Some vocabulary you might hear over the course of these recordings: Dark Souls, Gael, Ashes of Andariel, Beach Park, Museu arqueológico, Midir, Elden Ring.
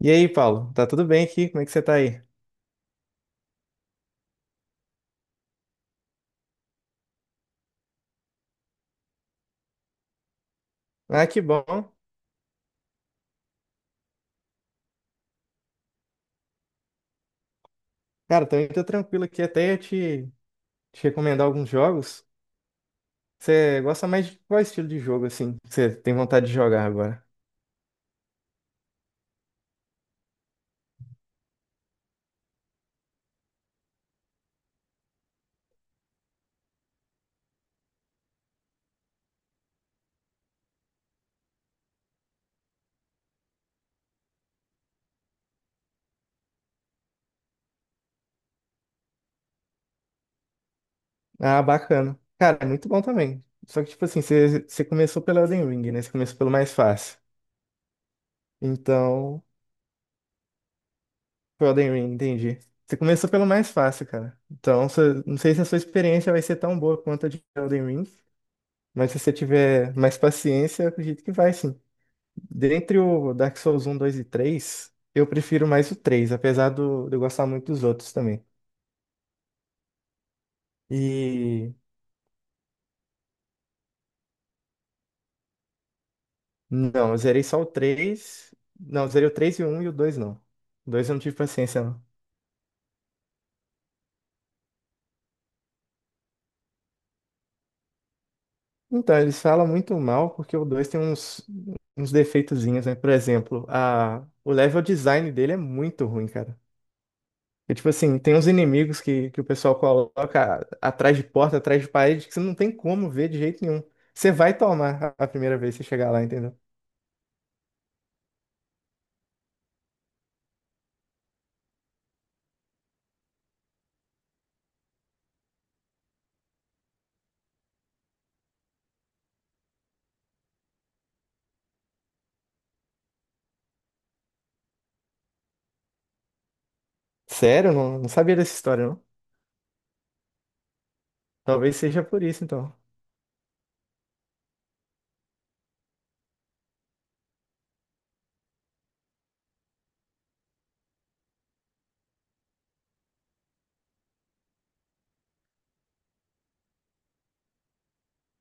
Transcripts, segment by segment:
E aí, Paulo? Tá tudo bem aqui? Como é que você tá aí? Ah, que bom. Cara, também tô tranquilo aqui. Até ia te recomendar alguns jogos. Você gosta mais de qual estilo de jogo, assim? Que você tem vontade de jogar agora? Ah, bacana. Cara, é muito bom também. Só que, tipo assim, você começou pelo Elden Ring, né? Você começou pelo mais fácil. Então, foi Elden Ring, entendi. Você começou pelo mais fácil, cara. Então, não sei se a sua experiência vai ser tão boa quanto a de Elden Ring, mas se você tiver mais paciência, eu acredito que vai, sim. Dentre o Dark Souls um, 2 e 3, eu prefiro mais o 3, apesar de eu gostar muito dos outros também. E não, eu zerei só o três. Não, eu zerei o 3 e o 1 e o 2 não. O 2 eu não tive paciência, não. Então, eles falam muito mal porque o 2 tem uns defeitozinhos, né? Por exemplo, o level design dele é muito ruim, cara. E, tipo assim, tem uns inimigos que o pessoal coloca atrás de porta, atrás de parede, que você não tem como ver de jeito nenhum. Você vai tomar a primeira vez que você chegar lá, entendeu? Sério? Não, não sabia dessa história, não. Talvez seja por isso, então.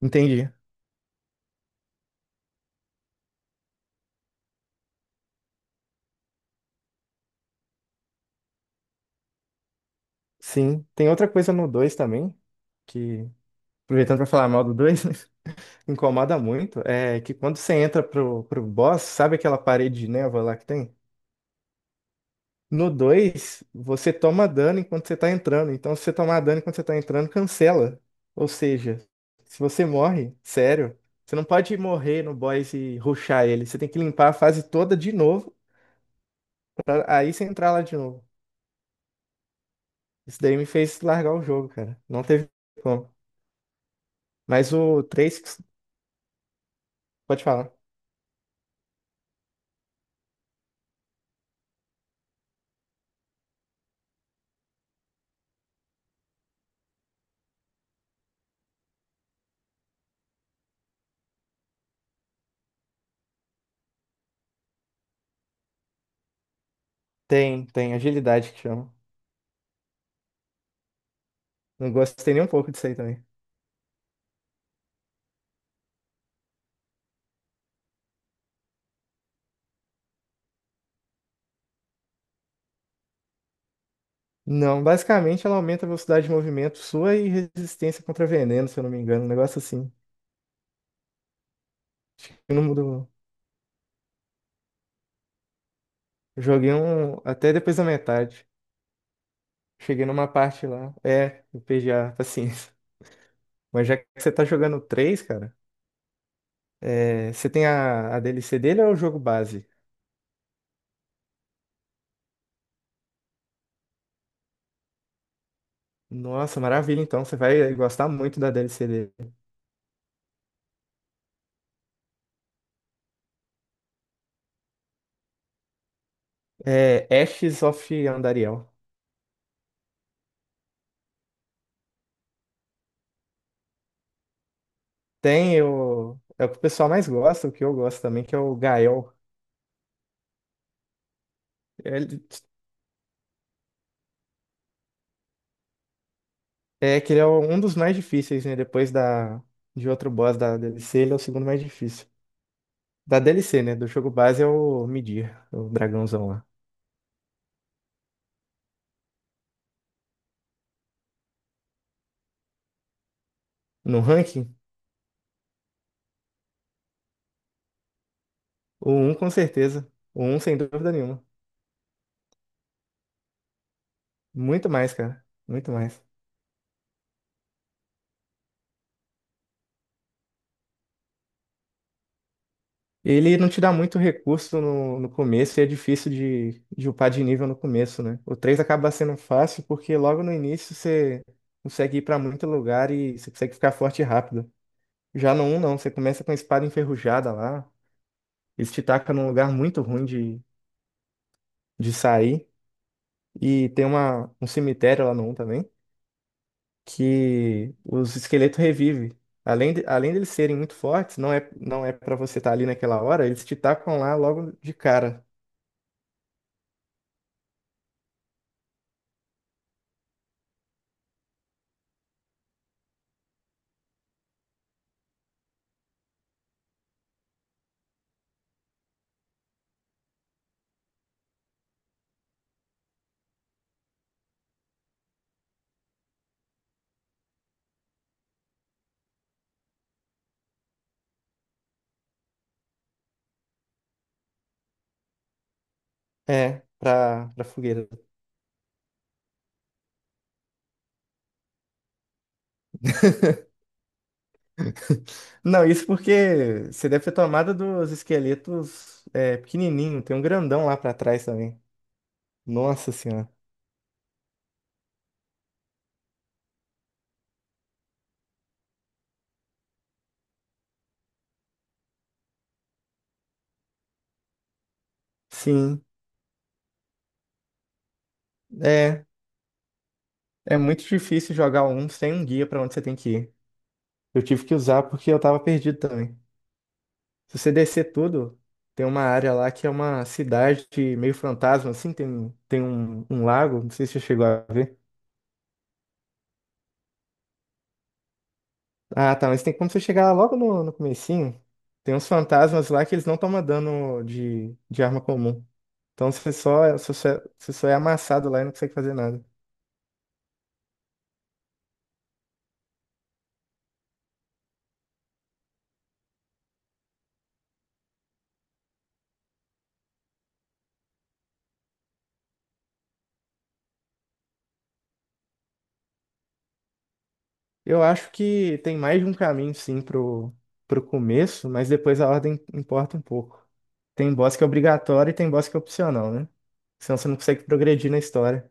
Entendi. Sim. Tem outra coisa no 2 também, que, aproveitando pra falar mal do 2, né, incomoda muito, é que quando você entra pro boss, sabe aquela parede de névoa lá que tem? No 2, você toma dano enquanto você tá entrando. Então, se você tomar dano enquanto você tá entrando, cancela. Ou seja, se você morre, sério, você não pode morrer no boss e rushar ele. Você tem que limpar a fase toda de novo, pra aí você entrar lá de novo. Isso daí me fez largar o jogo, cara. Não teve como. Mas o 3, pode falar. Tem agilidade que chama. Não gostei nem um pouco disso aí também. Não, basicamente ela aumenta a velocidade de movimento sua e resistência contra veneno, se eu não me engano. Um negócio assim. Eu não mudou. Não. Eu joguei um até depois da metade. Cheguei numa parte lá. É, eu perdi a paciência. Mas já que você tá jogando 3, cara, é, você tem a DLC dele ou é o jogo base? Nossa, maravilha, então. Você vai gostar muito da DLC dele. É Ashes of Andariel. Tem o. É o que o pessoal mais gosta, o que eu gosto também, que é o Gael. Ele- É que ele é um dos mais difíceis, né? Depois de outro boss da DLC, ele é o segundo mais difícil. Da DLC, né? Do jogo base é o Midir, o dragãozão lá. No ranking, o um com certeza. O um sem dúvida nenhuma. Muito mais, cara. Muito mais. Ele não te dá muito recurso no começo e é difícil de upar de nível no começo, né? O 3 acaba sendo fácil porque logo no início você consegue ir pra muito lugar e você consegue ficar forte rápido. Já no um não. Você começa com a espada enferrujada lá. Eles te tacam num lugar muito ruim de sair. E tem um cemitério lá no um também que os esqueletos revivem. Além deles serem muito fortes, não é, não é para você estar ali naquela hora, eles te tacam lá logo de cara. É, pra fogueira. Não, isso porque você deve ter tomado dos esqueletos é, pequenininho. Tem um grandão lá pra trás também. Nossa senhora. Sim, é. É muito difícil jogar um sem um guia pra onde você tem que ir. Eu tive que usar porque eu tava perdido também. Se você descer tudo, tem uma área lá que é uma cidade meio fantasma, assim. Tem um lago, não sei se você chegou a ver. Ah, tá, mas tem como você chegar lá logo no comecinho. Tem uns fantasmas lá que eles não tomam dano de arma comum. Então você só é amassado lá e não consegue fazer nada. Eu acho que tem mais de um caminho, sim, pro começo, mas depois a ordem importa um pouco. Tem boss que é obrigatório e tem boss que é opcional, né? Senão você não consegue progredir na história.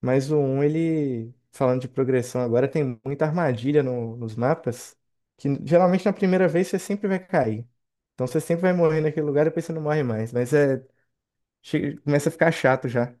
Mas o 1, ele, falando de progressão agora, tem muita armadilha nos mapas, que geralmente na primeira vez você sempre vai cair. Então você sempre vai morrer naquele lugar e depois você não morre mais. Mas é, começa a ficar chato já.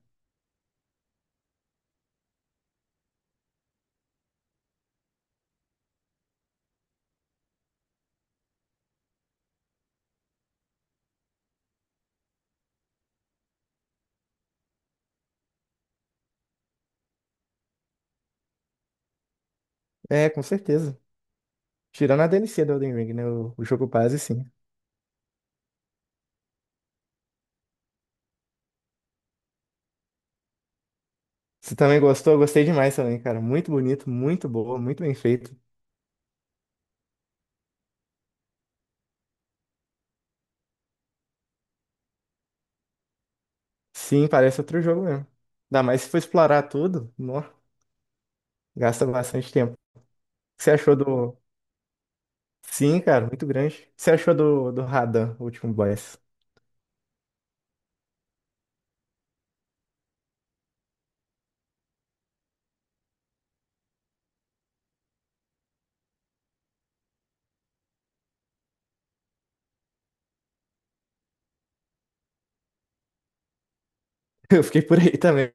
É, com certeza. Tirando a DLC do Elden Ring, né? O jogo base, sim. Você também gostou? Eu gostei demais também, cara. Muito bonito, muito boa, muito bem feito. Sim, parece outro jogo mesmo. Ainda mais se for explorar tudo, nó, gasta bastante tempo. O que você achou do, Sim, cara, muito grande. O que você achou do Radan, o último boss? Eu fiquei por aí também.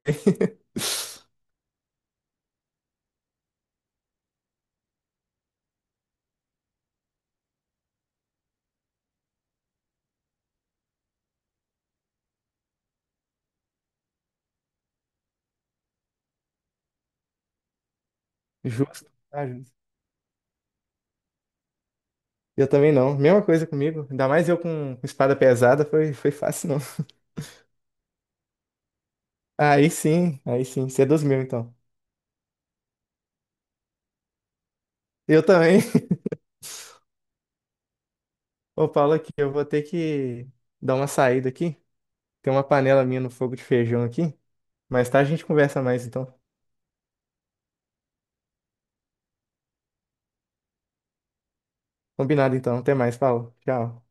Justo. Ah, justo. Eu também não. Mesma coisa comigo. Ainda mais eu com espada pesada, foi fácil não. Aí sim, aí sim. Você é dos meus, então. Eu também. Ô, Paulo, aqui, eu vou ter que dar uma saída aqui. Tem uma panela minha no fogo de feijão aqui. Mais tarde a gente conversa mais, então. Combinado, então. Até mais, Paulo. Tchau.